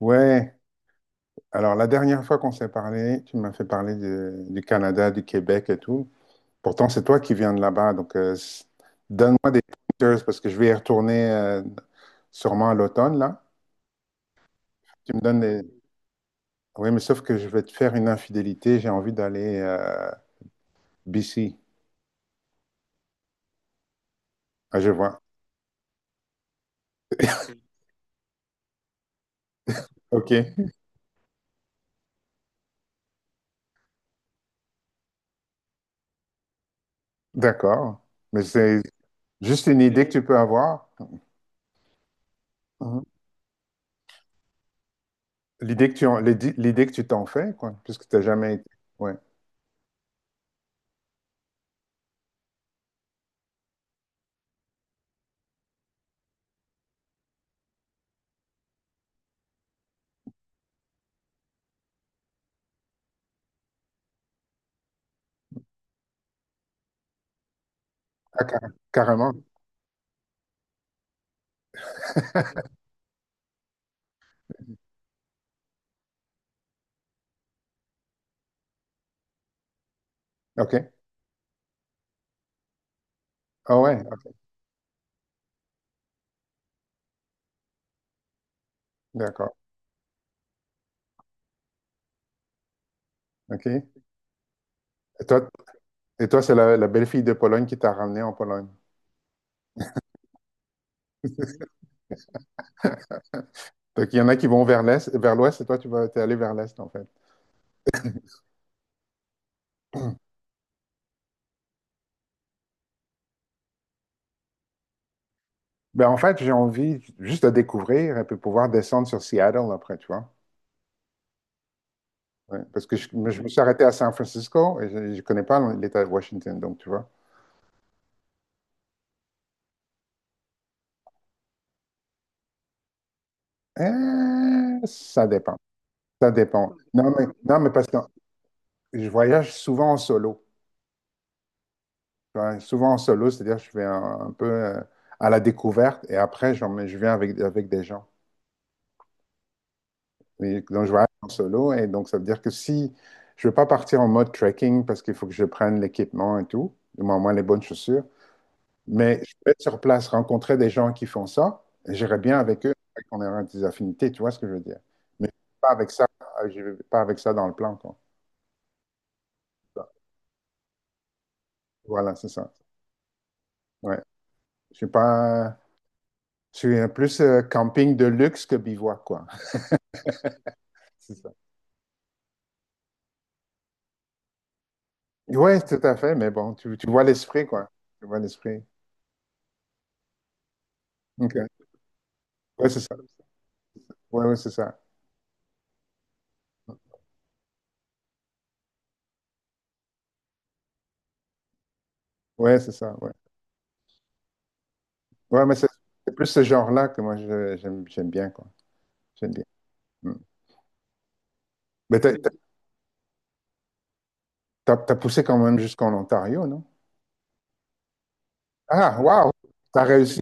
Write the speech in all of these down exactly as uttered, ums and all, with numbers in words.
Ouais, alors la dernière fois qu'on s'est parlé, tu m'as fait parler de- du Canada, du Québec et tout. Pourtant, c'est toi qui viens de là-bas, donc, euh, s- donne-moi des pointers parce que je vais y retourner euh, sûrement à l'automne, là. Tu me donnes des... Oui, mais sauf que je vais te faire une infidélité, j'ai envie d'aller euh, B C, à Geois. Ok, d'accord. Mais c'est juste une idée que tu peux avoir. Mhm. L'idée que tu en- l'idée l'idée que tu t'en fais, quoi, puisque tu n'as jamais été. Ouais. Ah, car- carrément. OK. Ah ouais. D'accord. OK. Et toi, et toi c'est la, la belle-fille de Pologne qui t'a ramené en Pologne. Donc, il y en a qui vont vers l'est, vers l'ouest, et toi, tu vas, t'es allé vers l'est, en fait. Ben, en fait, j'ai envie juste de découvrir et puis pouvoir descendre sur Seattle après, tu vois. Ouais, parce que je, me je me suis arrêté à San Francisco et je ne connais pas l'État de Washington, donc tu vois. Euh, ça dépend. Ça dépend. Non, mais, non, mais parce que je voyage souvent en solo. Tu vois. Souvent en solo, c'est-à-dire que je vais un, un peu euh, à la découverte et après, j'en- je viens avec, avec des gens. Oui, donc je voyage en solo et donc ça veut dire que si je ne veux pas partir en mode trekking parce qu'il faut que je prenne l'équipement et tout, du moins moins les bonnes chaussures, mais je peux être sur place, rencontrer des gens qui font ça, et j'irai bien avec eux, et qu'on aura des affinités, tu vois ce que je veux dire. Mais pas avec ça, euh, je vais pas avec ça dans le plan, quoi. Voilà, c'est ça. Ouais. Je suis pas, je suis euh, plus euh, camping de luxe que bivouac, quoi. C'est ça. Ouais, tout à fait, mais bon, tu, tu vois l'esprit, quoi. Tu vois l'esprit. Ok. Ouais, c'est ça. Ouais, ouais, c'est ça. Ouais, c'est ça. Ouais, ouais mais c'est c'est plus ce genre-là que moi je- j'aime j'aime bien, quoi. J'aime bien. Mm. Mais t'as, t'as, t'as- t'as poussé quand même jusqu'en Ontario, non? Ah, waouh! T'as réussi.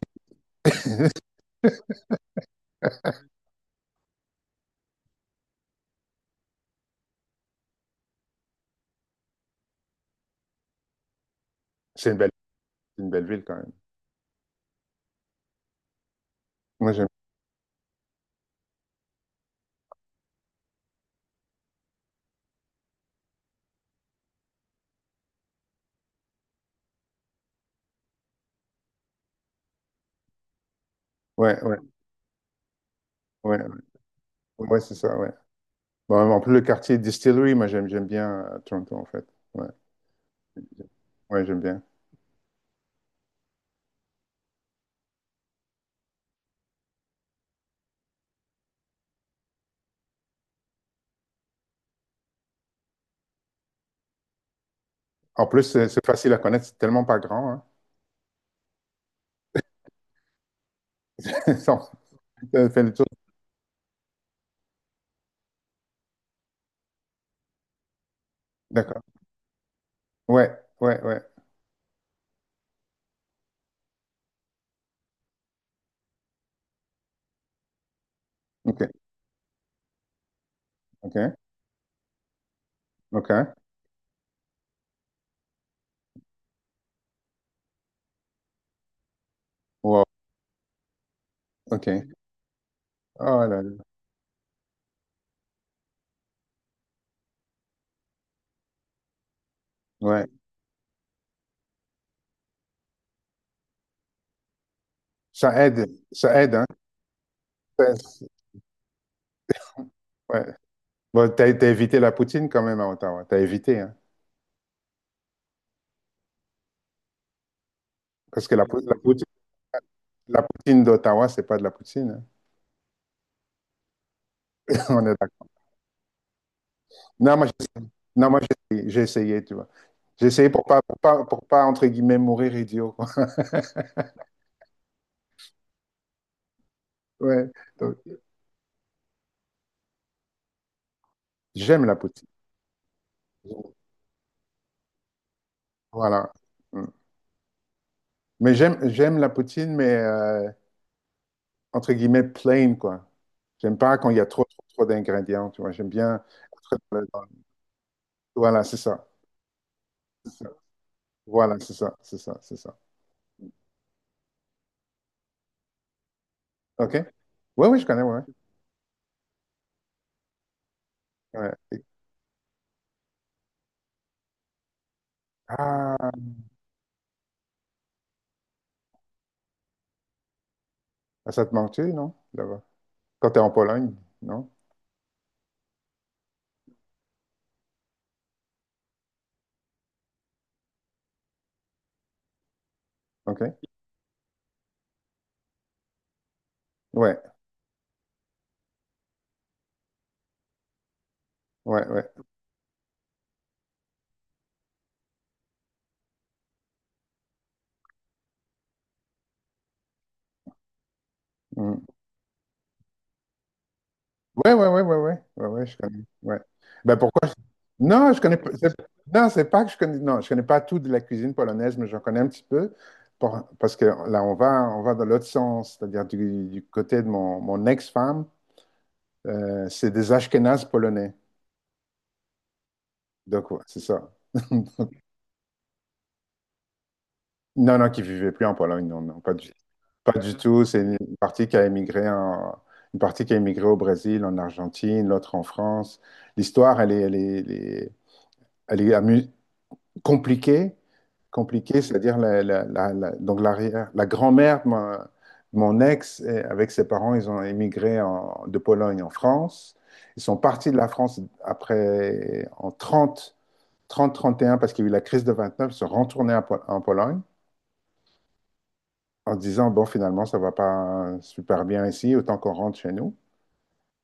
C'est une belle, c'est une belle ville quand même. Moi j'aime. Ouais, ouais, ouais, ouais, ouais, c'est ça, ouais. Bon, en plus le quartier Distillery, moi j'aime j'aime bien, euh, Toronto en fait. Ouais, ouais, j'aime bien. En plus c'est c'est facile à connaître, c'est tellement pas grand, hein. Non, fait le tour. D'accord. Ouais, ouais, ouais. Ok, ok, ok. Wow, ok. Oh là là. Ouais. Ça aide, ça aide, hein. Ça- c'est- ouais. Bon, t'as, t'as évité la poutine quand même à Ottawa. T'as évité, hein. Parce que la, pou- la poutine, la poutine d'Ottawa, c'est pas de la poutine, hein. On est d'accord. Non, moi, j'ai, non, moi, j'ai essayé, j'ai essayé, tu vois. J'ai essayé pour pas, pour pas, pour pas, entre guillemets, mourir idiot, quoi. Ouais. Donc, j'aime la poutine. Voilà. Mm. Mais j'aime, j'aime la poutine, mais euh, entre guillemets, plain, quoi. J'aime pas quand il y a trop, trop, trop d'ingrédients, tu vois. J'aime bien être dans le- dans le- Voilà, c'est ça. Voilà, c'est ça, c'est ça, c'est ça. OK? Oui, oui, je connais, oui. Ouais. Ouais. Ah, ça te manque, non? Là-bas. Quand t'es en Pologne, non? OK? Ouais, ouais, ouais. Mm. Ouais, ouais, ouais, ouais, ouais, ouais, ouais, je connais. Ouais. Ben pourquoi? je- Non, je connais pas. c'est- Non, c'est pas que je connais. Non, je connais pas tout de la cuisine polonaise, mais j'en connais un petit peu. pour- Parce que là, on va, on va dans l'autre sens, c'est-à-dire du, du côté de mon, mon ex-femme, euh, c'est des Ashkénazes polonais. Donc, ouais, c'est ça. Non, non, qui vivait plus en Pologne, non, non, pas du, pas du tout. C'est une partie qui a émigré en- une partie qui a émigré au Brésil, en Argentine, l'autre en France. L'histoire, elle est, elle est, elle est, elle est amu- compliquée, compliquée, c'est-à-dire la, la- la- la- donc l'arrière, la grand-mère de mon, de mon ex, eh, avec ses parents, ils ont émigré en- de Pologne en France. Ils sont partis de la France après, en trente, trente, trente et un, parce qu'il y a eu la crise de vingt-neuf, ils sont retournés en Po- en Pologne, en disant, bon, finalement, ça ne va pas super bien ici, autant qu'on rentre chez nous.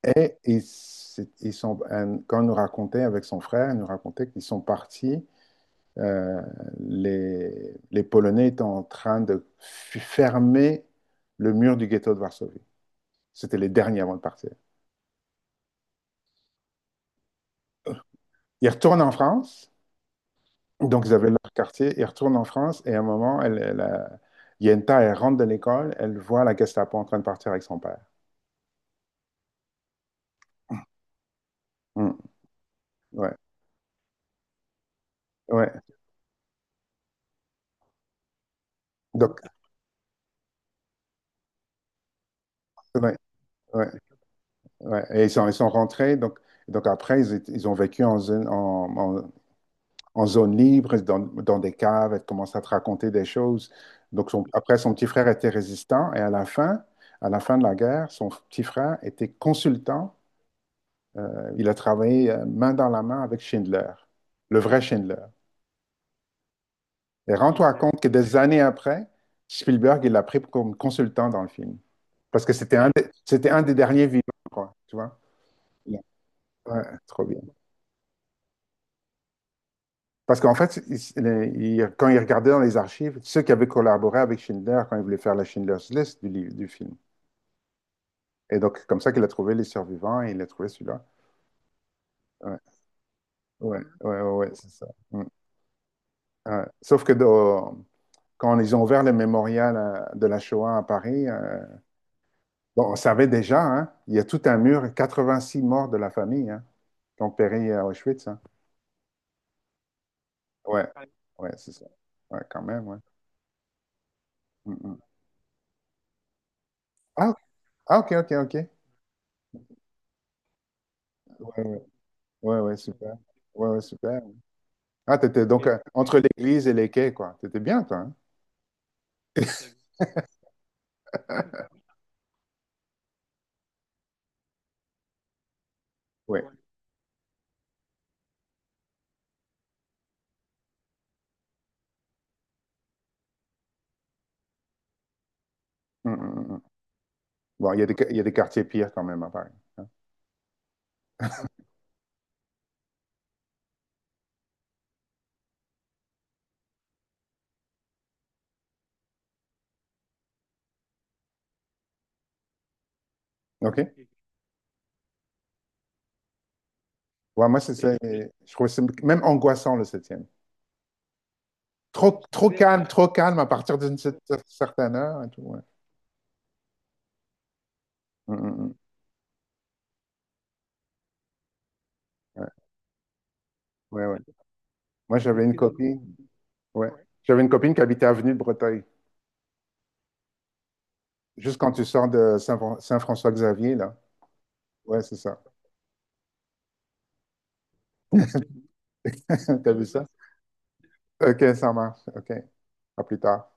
Et ils, ils sont, Quand on nous racontait avec son frère, il nous racontait qu'ils sont partis, euh, les, les Polonais étaient en train de fermer le mur du ghetto de Varsovie. C'était les derniers avant de partir. Ils retournent en France, donc ils avaient leur quartier, ils retournent en France et à un moment, elle, elle, euh, Yenta, elle rentre de l'école, elle voit la Gestapo en train de partir avec son père. Hmm, ouais, ouais. Donc, ouais, ouais. Ouais, et ils sont, ils sont rentrés, donc, donc après, ils, étaient- ils ont vécu en zone, en, en- en zone libre, dans, dans des caves, elle commence à te raconter des choses. Donc son- après, son petit frère était résistant, et à la fin, à la fin de la guerre, son petit frère était consultant. Euh, il a travaillé euh, main dans la main avec Schindler, le vrai Schindler. Et rends-toi compte que des années après, Spielberg, il l'a pris comme consultant dans le film. Parce que c'était un des, c'était un des derniers vivants, quoi, tu vois? Ouais, trop bien. Parce qu'en fait, il- il- quand ils regardaient dans les archives, ceux qui avaient collaboré avec Schindler quand ils voulaient faire la Schindler's List du, livre- du film. Et donc, comme ça qu'il a trouvé les survivants et il a trouvé celui-là. Ouais, ouais, ouais, ouais, ouais, c'est ça. Mm. Ouais. Sauf que dans- quand ils ont ouvert le mémorial euh, de la Shoah à Paris, euh, bon, on savait déjà, hein, il y a tout un mur, quatre-vingt-six morts de la famille, hein, qui ont péri à Auschwitz, hein. Ouais, ouais, c'est ça. Ouais, quand même, ouais. Mm, mm. Ah, ah, ok, ok, ok. Ouais, ouais, ouais, ouais, super. Ouais, ouais, super. Ah, t'étais donc Et- euh, entre l'église et les quais, quoi. T'étais bien, toi, hein? Oui. Ouais. Mm, mm, mm. Bon, il y a des, il y a des quartiers pires quand même à Paris. OK? Ouais, moi, c'est, Et- c'est- je trouve que c'est même angoissant, le septième. Trop, trop calme, trop calme à partir d'une cer- certaine heure et tout. Ouais. Mm, mm, mm. Ouais, ouais, ouais. Moi, j'avais une copine. Ouais. Ouais. J'avais une copine qui habitait avenue de Breteuil. Juste quand tu sors de Saint- Saint-François-Xavier, là. Ouais, c'est ça. T'as vu ça? OK, ça marche. OK. À plus tard.